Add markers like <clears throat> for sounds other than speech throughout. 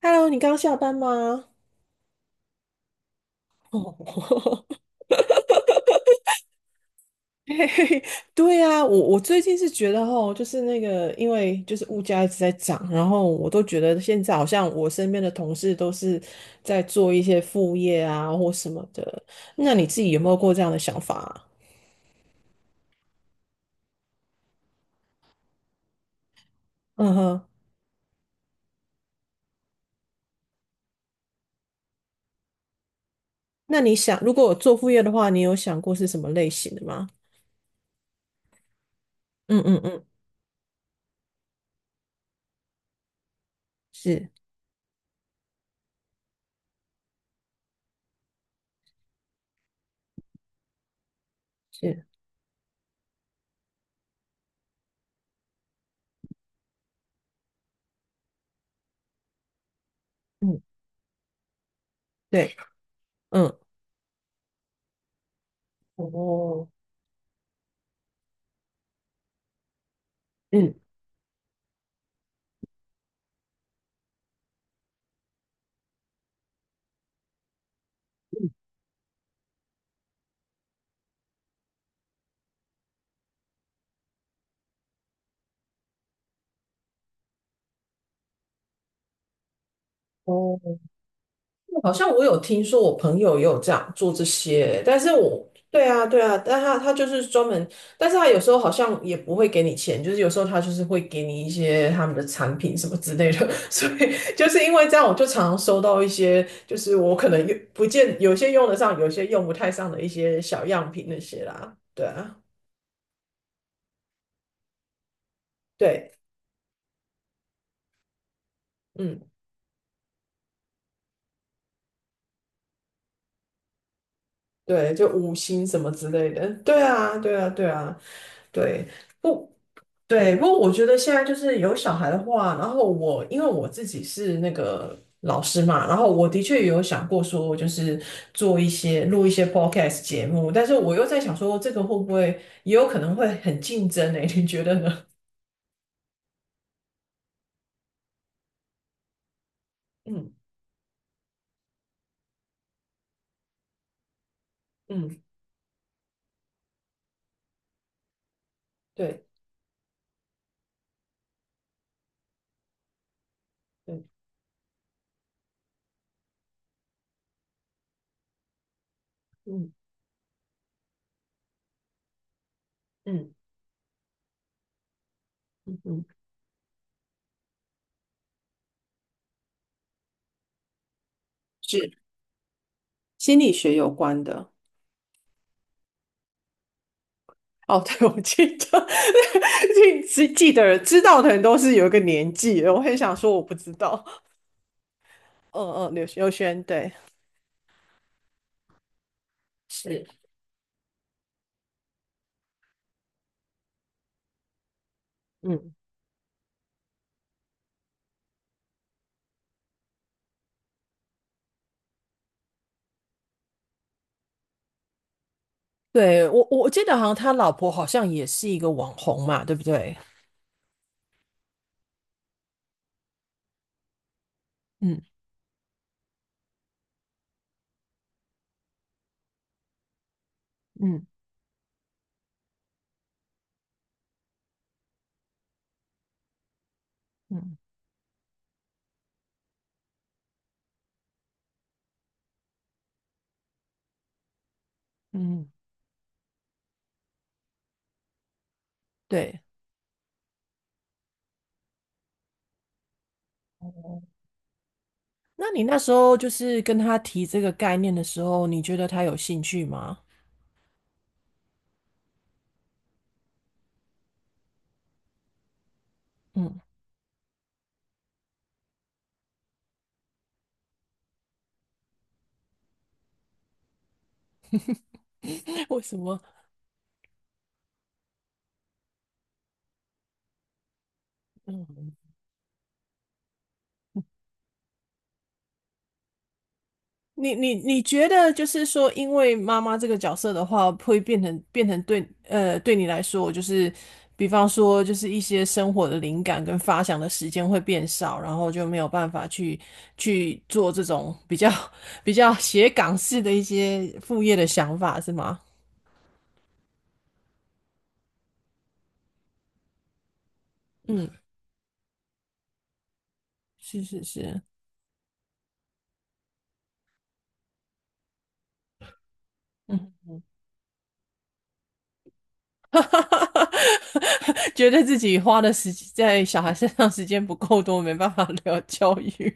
Hello，你刚下班吗？哦 <laughs> 对啊，我我最近是觉得吼，就是那个，因为就是物价一直在涨，然后我都觉得现在好像我身边的同事都是在做一些副业啊或什么的。那你自己有没有过这样的想法啊？嗯哼。那你想，如果我做副业的话，你有想过是什么类型的吗？嗯嗯嗯，是是，嗯，对，嗯，哦，嗯哦。好像我有听说，我朋友也有这样做这些，但是我对啊，对啊，但他他就是专门，但是他有时候好像也不会给你钱，就是有时候他就是会给你一些他们的产品什么之类的，<laughs> 所以就是因为这样，我就常常收到一些，就是我可能用不见有些用得上，有些用不太上的一些小样品那些啦，对啊，对，嗯，对，就五星什么之类的，对啊，对啊，对啊，对。不。对，不过我觉得现在就是有小孩的话，然后我因为我自己是那个老师嘛，然后我的确有想过说，就是做一些录一些 podcast 节目，但是我又在想说，这个会不会也有可能会很竞争呢、<laughs> 你觉得呢？嗯嗯，对对，嗯嗯嗯嗯，是心理学有关的。哦，<laughs> 对，我记得，<laughs> 记记得知道的人都是有一个年纪的我很想说我不知道。嗯嗯，刘轩，对。是。嗯，对，我记得好像他老婆好像也是一个网红嘛，对不对？嗯嗯嗯嗯，对。那你那时候就是跟他提这个概念的时候，你觉得他有兴趣吗？嗯，<laughs> 为什么？嗯。你觉得就是说，因为妈妈这个角色的话，会变成变成对呃对你来说，就是比方说就是一些生活的灵感跟发想的时间会变少，然后就没有办法去去做这种比较 <laughs> 比较写港式的一些副业的想法，是吗？嗯，<laughs> 是是是，嗯，<laughs> 觉得自己花的时间在小孩身上时间不够多，没办法 <laughs> 聊教育。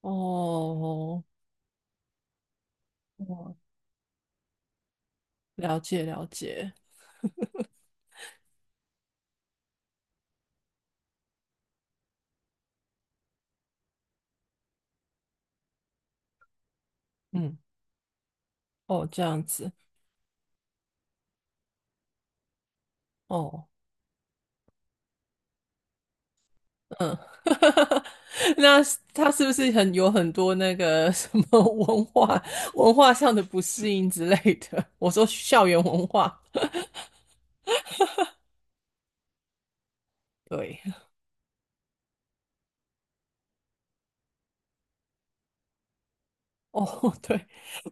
<laughs> 哦，哇了解了解，嗯，哦，这样子，哦，嗯，<laughs> 那他是不是很有很多那个什么 <laughs> 文化文化上的不适应之类的？<laughs> 我说校园文化，<laughs> 对。哦，<laughs> 对，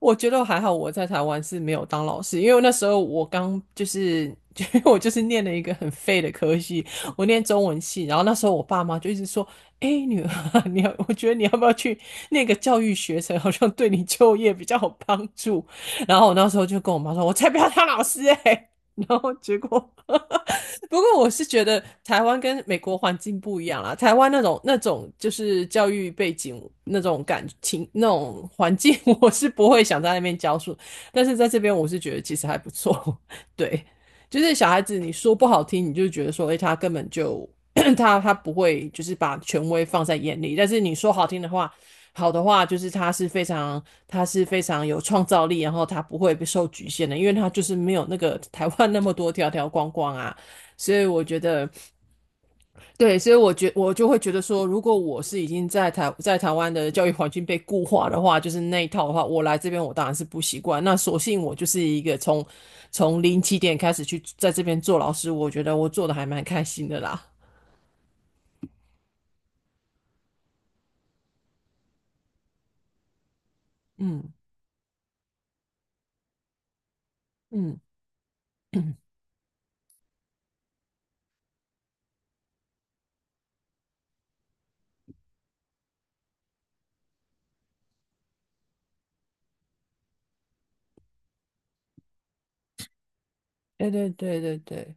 我觉得还好，我在台湾是没有当老师，因为那时候我刚就是，<laughs> 因为我就是念了一个很废的科系，我念中文系，然后那时候我爸妈就一直说，哎，女儿 <laughs> 你要，我觉得你要不要去那个教育学程，好像对你就业比较有帮助。然后我那时候就跟我妈说，我才不要当老师哎、<laughs> 欸然后结果 <laughs> <laughs> 不过我是觉得台湾跟美国环境不一样啦，台湾那种那种就是教育背景那种感情那种环境，我是不会想在那边教书，但是在这边我是觉得其实还不错，<laughs> 对，就是小孩子你说不好听，你就觉得说，哎、欸他根本就 <clears throat> <coughs> 他他不会就是把权威放在眼里，但是你说好听的话。好的话，就是他是非常，他是非常有创造力，然后他不会被受局限的，因为他就是没有那个台湾那么多条条框框啊，所以我觉得，对，所以我觉我就会觉得说，如果我是已经在台在台湾的教育环境被固化的话，就是那一套的话，我来这边我当然是不习惯。那索性我就是一个从从零起点开始去在这边做老师，我觉得我做的还蛮开心的啦。嗯嗯，<clears throat> 对对对对对。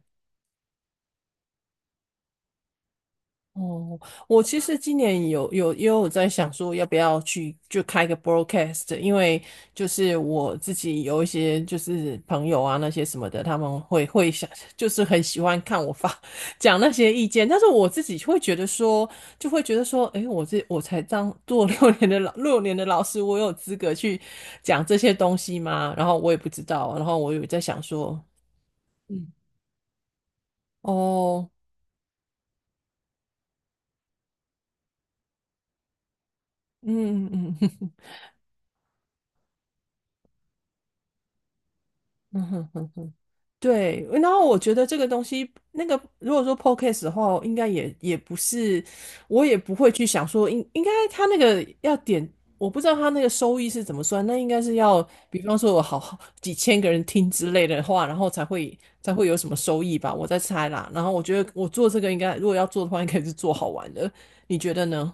哦，我其实今年有因为我在想说要不要去就开个 broadcast，因为就是我自己有一些就是朋友啊那些什么的，他们会想就是很喜欢看我发 <laughs> 讲那些意见，但是我自己会觉得说就会觉得说，诶，我才当做六年的老六年的老师，我有资格去讲这些东西吗？然后我也不知道，然后我有在想说，嗯，哦，嗯嗯嗯 <laughs>。嗯哼对，然后我觉得这个东西，那个如果说 podcast 的话，应该也不是，我也不会去想说应该他那个要点，我不知道他那个收益是怎么算，那应该是要，比方说我好几千个人听之类的话，然后才会有什么收益吧，我在猜啦。然后我觉得我做这个应该，如果要做的话，应该是做好玩的，你觉得呢？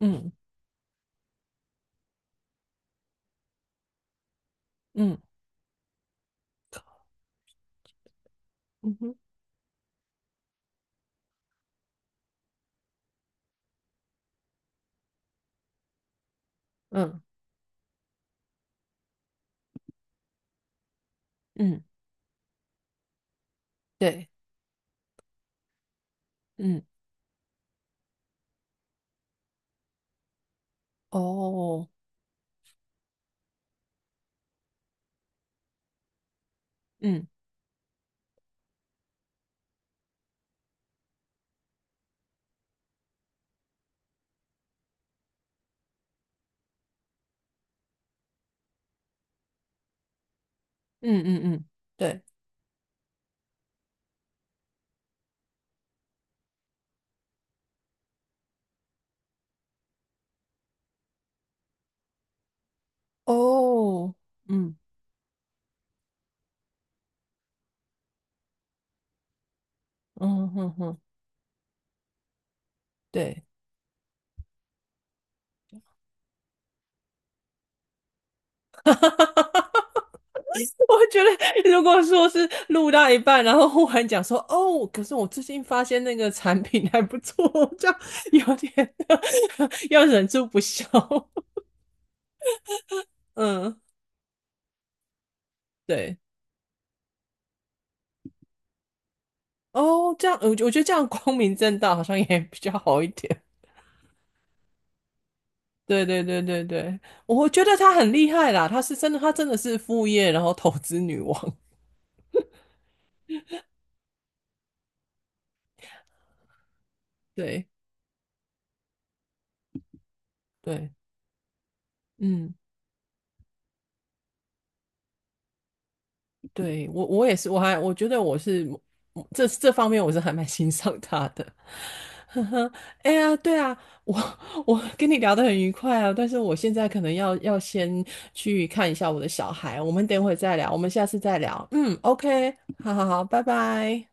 嗯嗯嗯哼嗯嗯，对，嗯哦，嗯嗯嗯嗯，对。哦，嗯嗯哼哼，对，<laughs> 我觉得如果说是录到一半，然后忽然讲说哦，可是我最近发现那个产品还不错，<laughs> 这样有点 <laughs> 要忍住不笑。<laughs> 嗯，对，哦，这样我觉我觉得这样光明正大好像也比较好一点。对对对对对，我觉得她很厉害啦，她是真的，她真的是副业，然后投资女王。<laughs> 对对，嗯。对，我我也是，我还我觉得我是这方面我是还蛮欣赏他的，<laughs> 呵呵。哎呀，对啊，我我跟你聊得很愉快啊，但是我现在可能要先去看一下我的小孩，我们等会再聊，我们下次再聊。嗯，OK，好好好，拜拜。